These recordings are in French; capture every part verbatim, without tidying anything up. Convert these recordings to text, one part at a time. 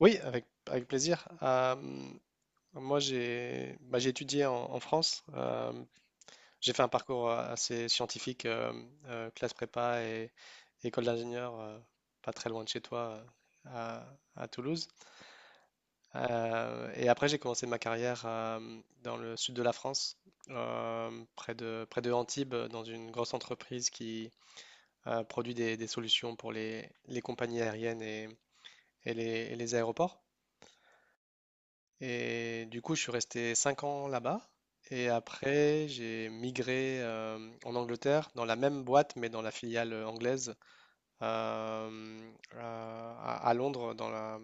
Oui, avec, avec plaisir. Euh, moi, j'ai bah, j'ai étudié en, en France. Euh, j'ai fait un parcours euh, assez scientifique, euh, euh, classe prépa et école d'ingénieur, euh, pas très loin de chez toi, euh, à, à Toulouse. Euh, et après, j'ai commencé ma carrière euh, dans le sud de la France, euh, près de, près de Antibes, dans une grosse entreprise qui euh, produit des, des solutions pour les, les compagnies aériennes et, et les et les aéroports. Et du coup, je suis resté cinq ans là-bas. Et après, j'ai migré euh, en Angleterre, dans la même boîte, mais dans la filiale anglaise, euh, euh, à, à Londres, dans la,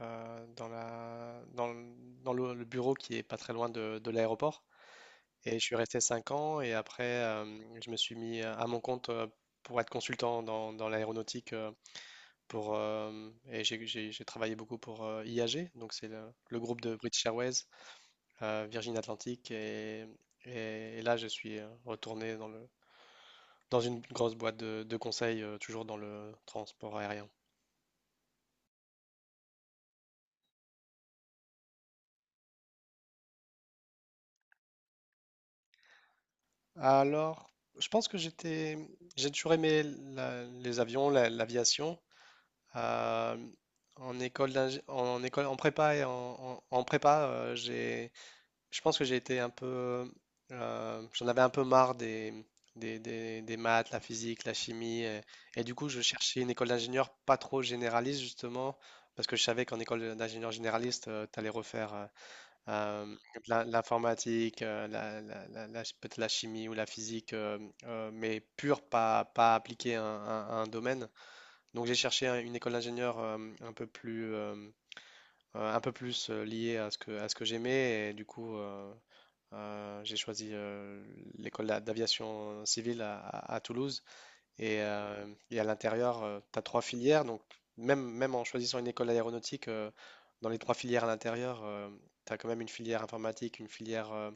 euh, dans la, dans, le, dans le- le bureau qui est pas très loin de, de l'aéroport. Et je suis resté cinq ans. Et après, euh, je me suis mis à mon compte euh, pour être consultant dans, dans l'aéronautique. Euh, pour, euh, et j'ai j'ai- j'ai travaillé beaucoup pour euh, I A G, donc c'est le, le groupe de British Airways euh, Virgin Atlantic et, et- et là je suis euh, retourné dans le, dans une grosse boîte de, de conseil, euh, toujours dans le transport aérien. Alors, je pense que j'étais, j'ai toujours aimé la- les avions, la- l'aviation. Euh, En école d'ingé- en école, en prépa et en, en- en prépa, euh, j'ai je pense que j'ai été un peu. Euh, j'en avais un peu marre des, des, des- des maths, la physique, la chimie. Et, et du coup, je cherchais une école d'ingénieur pas trop généraliste, justement, parce que je savais qu'en école d'ingénieur généraliste, tu allais refaire euh, euh, l'in- l'informatique, euh, la, la- la- la- peut-être la chimie ou la physique, euh, euh, mais pure, pas, pas appliquée à, un à un domaine. Donc, j'ai cherché un- une école d'ingénieur euh, un peu plus. Euh, euh, un peu plus euh, lié à ce que, à ce que j'aimais. Et du coup, euh, euh, j'ai choisi euh, l'école d'a- d'aviation civile à, à- à Toulouse. Et, euh, et à l'intérieur, tu as trois filières. Donc, même, même en choisissant une école aéronautique, euh, dans les trois filières à l'intérieur, tu as quand même une filière informatique, une filière euh,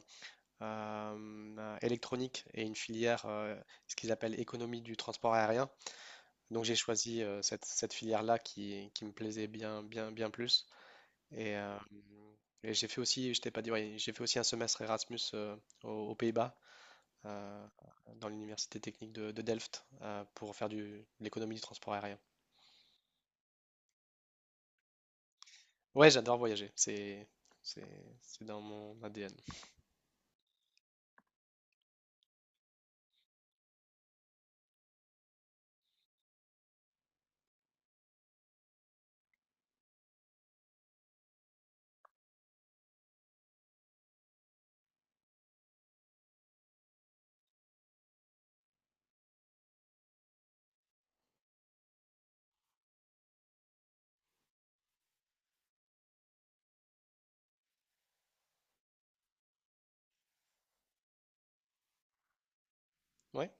euh, euh, électronique et une filière, euh, ce qu'ils appellent économie du transport aérien. Donc, j'ai choisi euh, cette, cette filière-là qui, qui me plaisait bien, bien, bien plus. Et, euh, et j'ai fait aussi, je t'ai pas dit, ouais, j'ai fait aussi un semestre Erasmus euh, aux aux Pays-Bas euh, dans l'université technique de, de Delft euh, pour faire du, de l'économie du transport aérien. Ouais, j'adore voyager, c'est c'est c'est dans mon A D N. Ouais,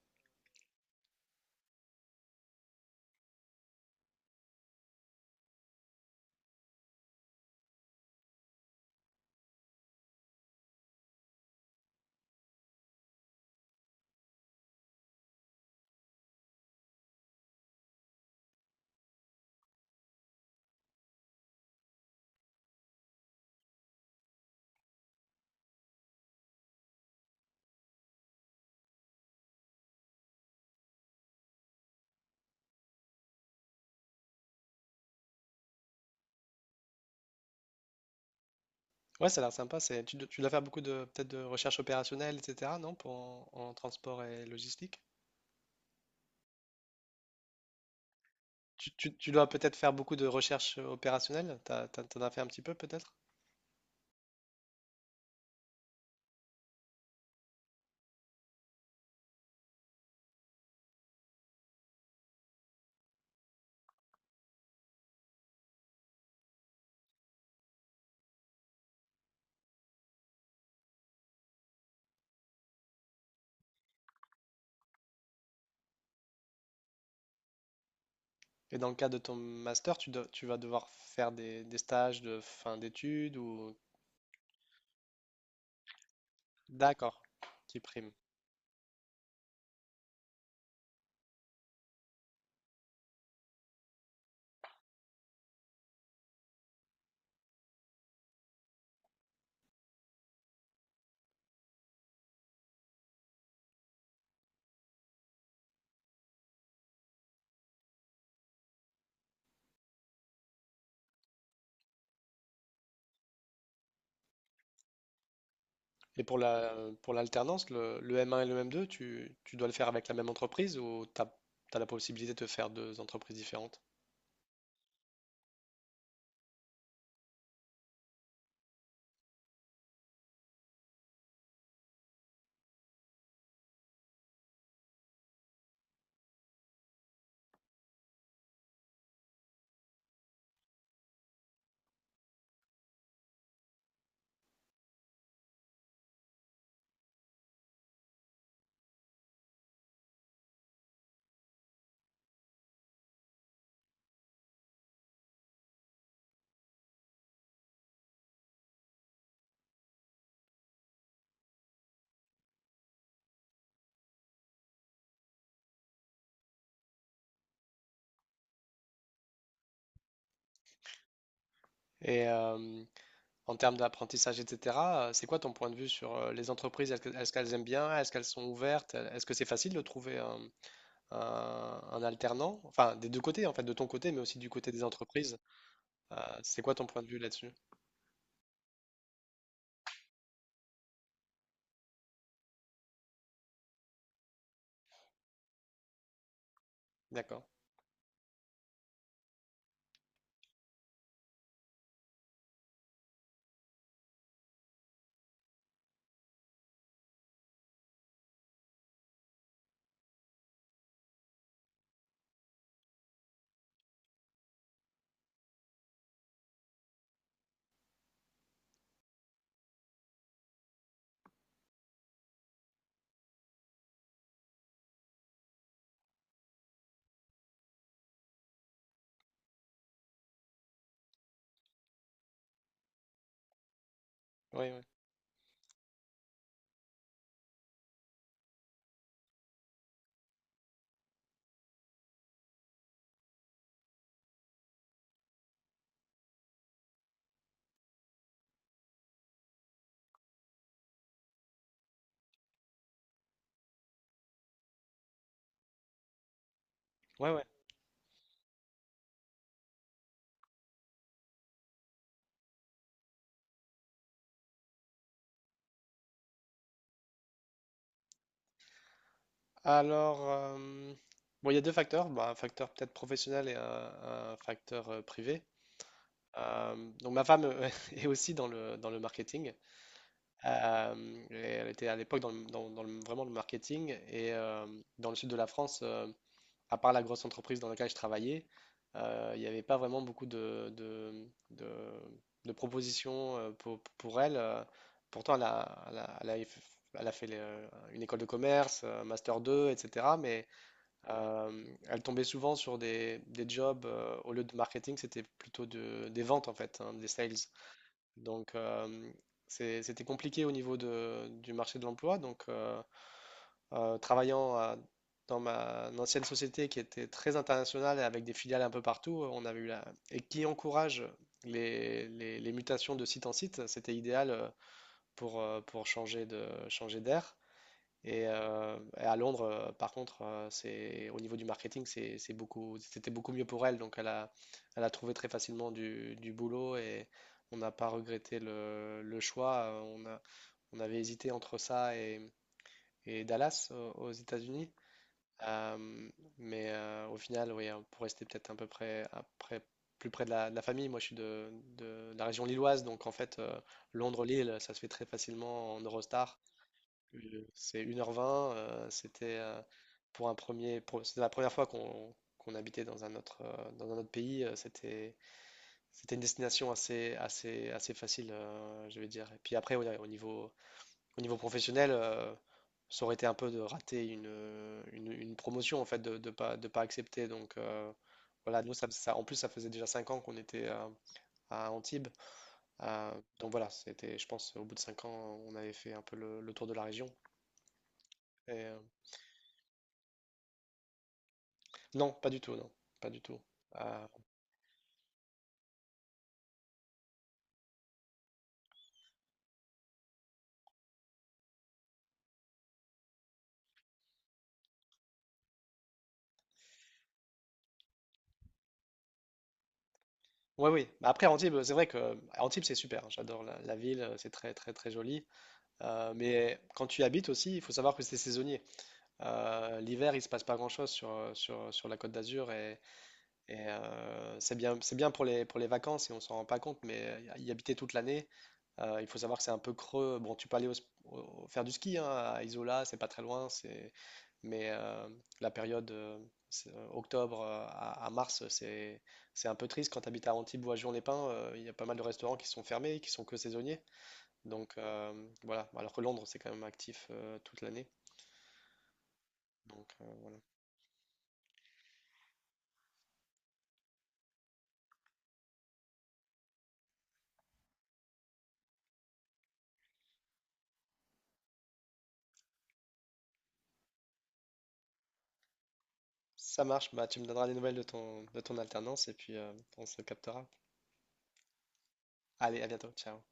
ouais, ça a l'air sympa. C'est tu, dois tu dois faire beaucoup de peut-être de recherche opérationnelle, et cetera. Non, pour en, en transport et logistique. Tu, tu, tu dois peut-être faire beaucoup de recherche opérationnelle. T'as, t'as- t'en as fait un petit peu peut-être. Et dans le cadre de ton master, tu, dois- tu vas devoir faire des, des stages de fin d'études ou d'accord, qui prime. Et pour la, pour l'alternance, le, le M un et le M deux, tu, tu dois le faire avec la même entreprise ou tu as la possibilité de te faire deux entreprises différentes? Et euh, En termes d'apprentissage, et cetera, euh, c'est quoi ton point de vue sur euh, les entreprises? Est-ce que- est-ce qu'elles aiment bien? Est-ce qu'elles sont ouvertes? Est-ce que c'est facile de trouver un, un- un alternant? Enfin, des deux côtés, en fait, de ton côté, mais aussi du côté des entreprises. Euh, c'est quoi ton point de vue là-dessus? D'accord. Oui, oui. Ouais, ouais. Alors, euh, bon, il y a deux facteurs. Bah, un facteur peut-être professionnel et un, un facteur euh, privé. Euh, donc ma femme euh, est aussi dans le, dans le marketing. Euh, et elle était à l'époque dans, le- dans- dans le- vraiment le marketing. Et euh, dans le sud de la France, euh, à part la grosse entreprise dans laquelle je travaillais, euh, il n'y avait pas vraiment beaucoup de, de, de- de propositions euh, pour, pour elle. Euh, Pourtant, elle a, elle a- elle a- elle a fait les, euh, une école de commerce, un master deux, et cetera. Mais euh, elle tombait souvent sur des, des jobs, euh, au lieu de marketing, c'était plutôt de- des ventes en fait, hein, des sales. Donc euh, c'est- c'était compliqué au niveau de- du marché de l'emploi. Donc euh, euh, travaillant à- dans ma une ancienne société qui était très internationale et avec des filiales un peu partout, on avait eu la... et qui encourage les, les- les mutations de site en site, c'était idéal euh, pour, euh, pour changer de, changer d'air. Et, euh, et à Londres, euh, par contre, euh, c'est au niveau du marketing, c'est, c'est beaucoup, c'était beaucoup mieux pour elle. Donc, elle a, elle a trouvé très facilement du, du boulot et on n'a pas regretté le, le choix. Euh, On a, on avait hésité entre ça et, et Dallas au- aux États-Unis. Euh, mais euh, au final, oui, hein, pour rester peut-être un peu près, à près- plus près de la, de la famille, moi je suis de, de la région lilloise, donc en fait, euh, Londres-Lille, ça se fait très facilement en Eurostar. Euh, C'est une heure vingt euh, c'était euh, pour un premier, pour- c'était la première fois qu'on qu'on habitait dans un autre, euh, dans un autre pays. Euh, c'était, c'était une destination assez, assez, assez facile, euh, je vais dire. Et puis après, ouais, au niveau, au niveau professionnel, euh, ça aurait été un peu de rater une, euh, une, une promotion en fait, de, de pas, de pas accepter. Donc euh, voilà, nous, ça, ça- en plus, ça faisait déjà cinq ans qu'on était euh, à Antibes. Euh, donc voilà, c'était, je pense, au bout de cinq ans, on avait fait un peu le le tour de la région. Et, euh, Non, pas du tout, non, pas du tout. Euh, ouais, oui. Bah après, Antibes, c'est vrai que Antibes, c'est super, hein. J'adore la, la ville, euh, c'est très, très, très joli. Euh, mais quand tu y habites aussi, il faut savoir que c'est saisonnier. Euh, l'hiver, il se passe pas grand-chose sur, euh, sur, sur la Côte d'Azur et, Et euh, c'est bien, c'est bien pour les, pour les vacances et on s'en rend pas compte, mais euh, y habiter toute l'année, euh, il faut savoir que c'est un peu creux. Bon, tu peux aller au sp- au- faire du ski hein, à Isola, c'est pas très loin, c'est... mais euh, la période euh, c'est, euh, octobre euh, à, à mars, c'est, c'est un peu triste. Quand tu habites à Antibes ou à Juan-les-Pins, euh, il y a pas mal de restaurants qui sont fermés, qui sont que saisonniers. Donc euh, voilà, alors que Londres, c'est quand même actif euh, toute l'année. Donc euh, voilà. Ça marche, bah, tu me donneras des nouvelles de ton, de ton alternance et puis euh, on se captera. Allez, à bientôt. Ciao.